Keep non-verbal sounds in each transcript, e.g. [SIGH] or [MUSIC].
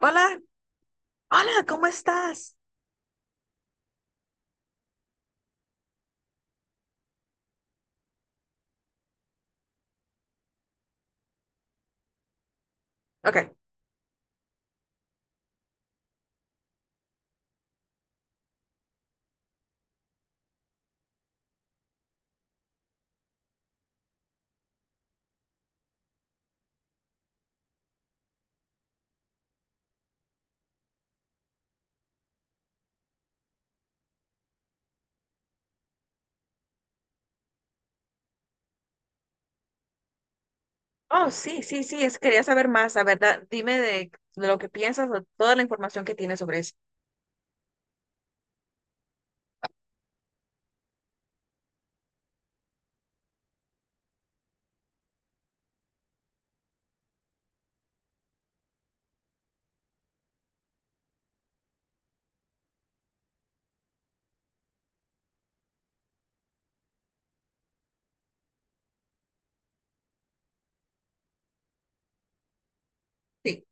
Hola, hola, ¿cómo estás? Ok. Oh, sí, sí, sí, quería saber más, la verdad. Dime de lo que piensas o toda la información que tienes sobre eso. Sí,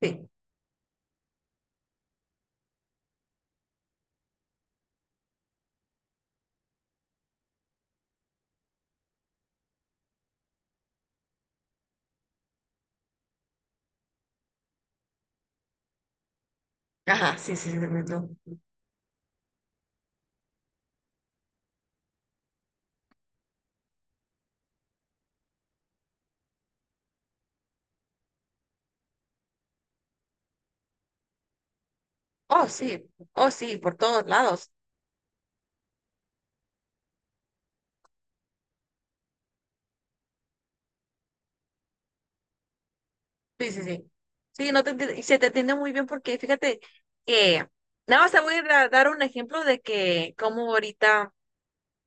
sí. Ajá, sí, sí, sí, tremendo. Oh, sí, oh, sí, por todos lados. Sí, sí, sí. Sí, no te, enti- y se te entiende muy bien porque fíjate que nada más te voy a dar un ejemplo de que como ahorita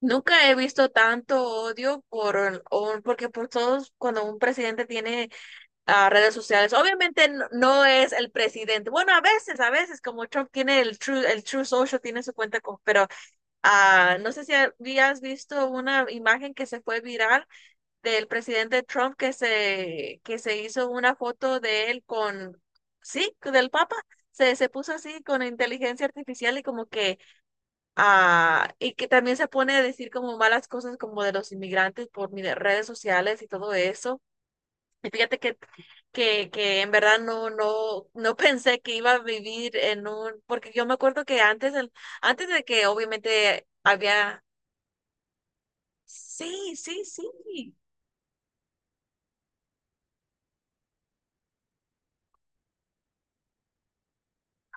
nunca he visto tanto odio por, porque por todos, cuando un presidente tiene a redes sociales. Obviamente no, no es el presidente. Bueno, a veces, como Trump tiene el True Social, tiene su cuenta, con, pero no sé si habías visto una imagen que se fue viral del presidente Trump que se hizo una foto de él con, sí, del Papa. Se puso así con inteligencia artificial y como que, y que también se pone a decir como malas cosas como de los inmigrantes por redes sociales y todo eso. Y fíjate que en verdad no, no, no [LAUGHS] pensé que iba a vivir en un, porque yo me acuerdo que antes, antes de que obviamente había, sí, sí, sí,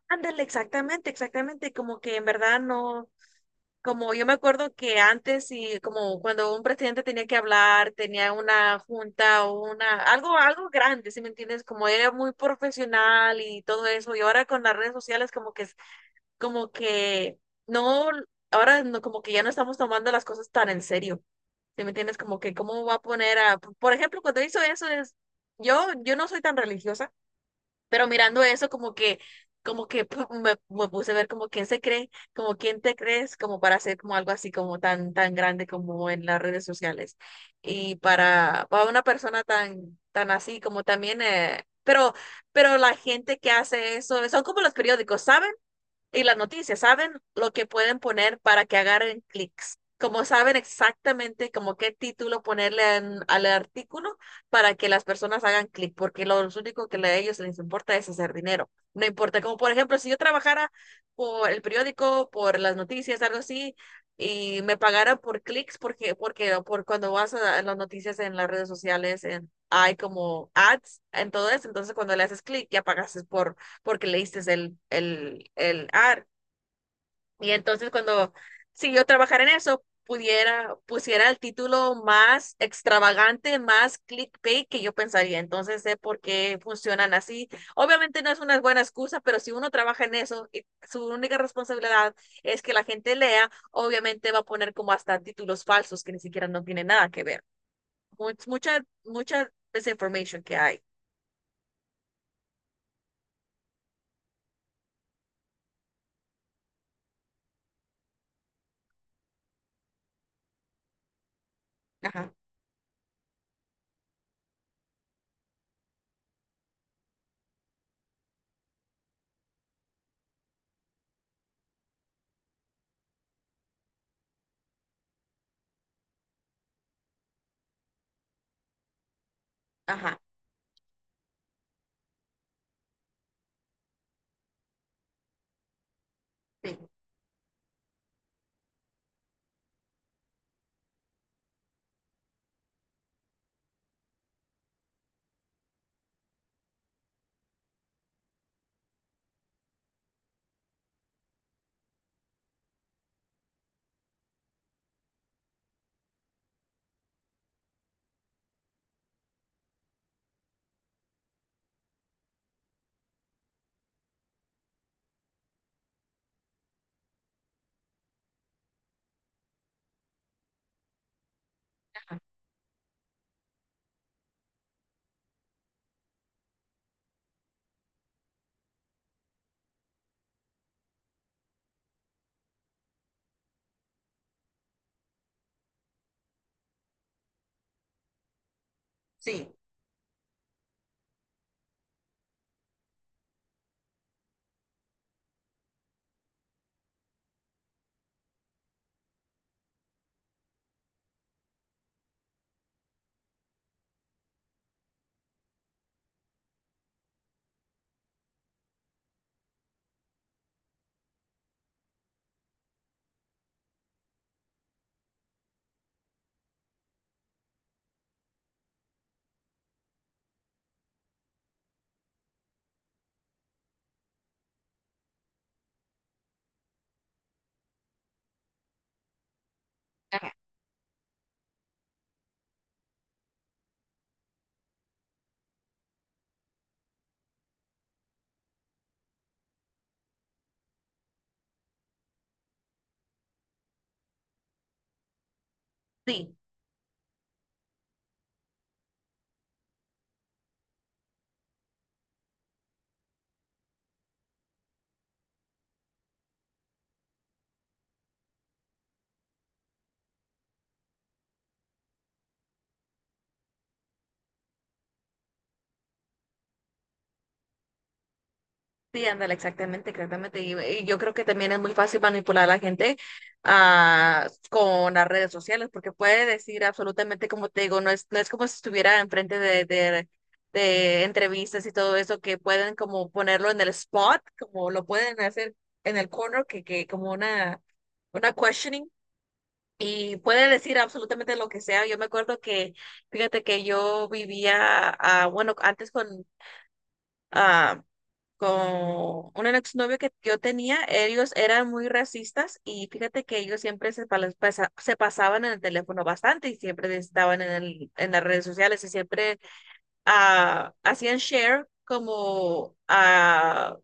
ándale, exactamente, exactamente, como que en verdad no, como yo me acuerdo que antes y como cuando un presidente tenía que hablar, tenía una junta o una, algo, algo grande, ¿si me entiendes? Como era muy profesional y todo eso, y ahora con las redes sociales como que no, ahora no, como que ya no estamos tomando las cosas tan en serio. ¿Sí me entiendes? Como que cómo va a poner a, por ejemplo, cuando hizo eso es, yo no soy tan religiosa, pero mirando eso como que, me puse a ver como quién se cree, como quién te crees, como para hacer como algo así como tan, tan grande como en las redes sociales. Y para una persona tan, tan así como también, pero la gente que hace eso, son como los periódicos, ¿saben? Y las noticias, ¿saben? Lo que pueden poner para que agarren clics. Como saben exactamente como qué título ponerle al artículo para que las personas hagan clic, porque lo único que a ellos les importa es hacer dinero. No importa, como por ejemplo, si yo trabajara por el periódico, por las noticias, algo así, y me pagaran por clics, porque por cuando vas a las noticias en las redes sociales, hay como ads en todo eso, entonces cuando le haces clic ya pagas porque leíste el AR. Y entonces cuando, si yo trabajara en eso, pudiera, pusiera el título más extravagante, más clickbait que yo pensaría. Entonces sé por qué funcionan así. Obviamente no es una buena excusa, pero si uno trabaja en eso y su única responsabilidad es que la gente lea, obviamente va a poner como hasta títulos falsos que ni siquiera no tienen nada que ver. Mucha desinformation que hay. Ajá, ajá, sí, ajá, sí, ajá, sí. Sí, ándale, exactamente, exactamente. Y yo creo que también es muy fácil manipular a la gente con las redes sociales, porque puede decir absolutamente, como te digo, no es como si estuviera enfrente de entrevistas y todo eso, que pueden como ponerlo en el spot, como lo pueden hacer en el corner, que como una questioning. Y puede decir absolutamente lo que sea. Yo me acuerdo que, fíjate que yo vivía, bueno, antes ah, con un exnovio que yo tenía. Ellos eran muy racistas y fíjate que ellos siempre se pasaban en el teléfono bastante y siempre estaban en las redes sociales y siempre hacían share como a,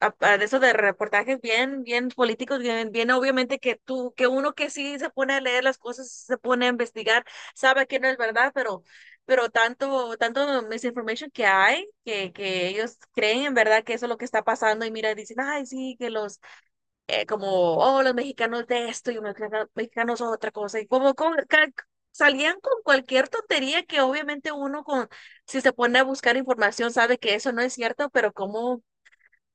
a- a de esos de reportajes bien, bien políticos, bien, bien obviamente que tú, que uno que sí se pone a leer las cosas, se pone a investigar, sabe que no es verdad, pero, tanto, tanto misinformation que hay, que ellos creen en verdad que eso es lo que está pasando. Y mira, dicen, ay, sí, que los como, oh, los mexicanos de esto y los mexicanos son otra cosa, y como, salían con cualquier tontería que obviamente uno con, si se pone a buscar información sabe que eso no es cierto, pero como,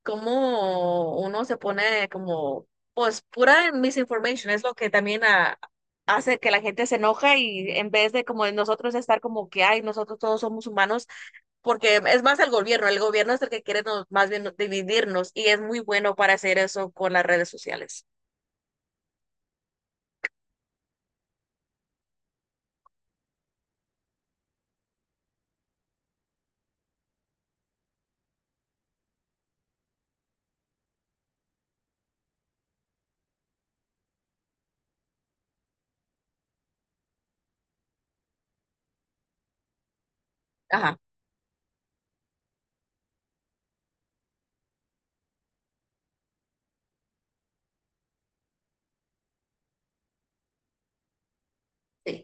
como uno se pone como, pues pura misinformation es lo que también hace que la gente se enoja, y en vez de como nosotros estar como que, ay, nosotros todos somos humanos, porque es más el gobierno es el que quiere más bien dividirnos, y es muy bueno para hacer eso con las redes sociales. Ajá, sí,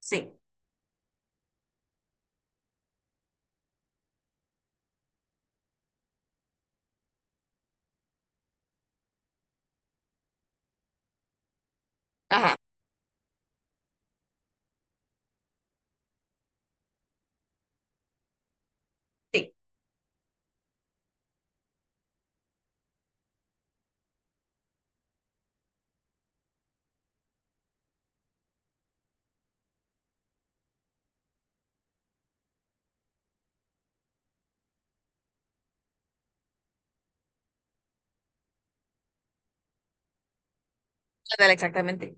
sí, ajá, sí, ándale exactamente,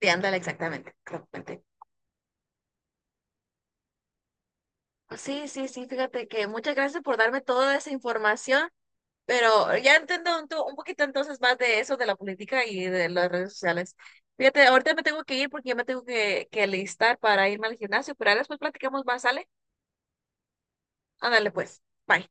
sí, ándale exactamente, exactamente. Pues sí, sí, sí, fíjate que muchas gracias por darme toda esa información. Pero ya entiendo un poquito entonces más de eso, de la política y de las redes sociales. Fíjate, ahorita me tengo que ir porque ya me tengo que listar para irme al gimnasio, pero ahora después platicamos más, ¿sale? Ándale pues. Bye.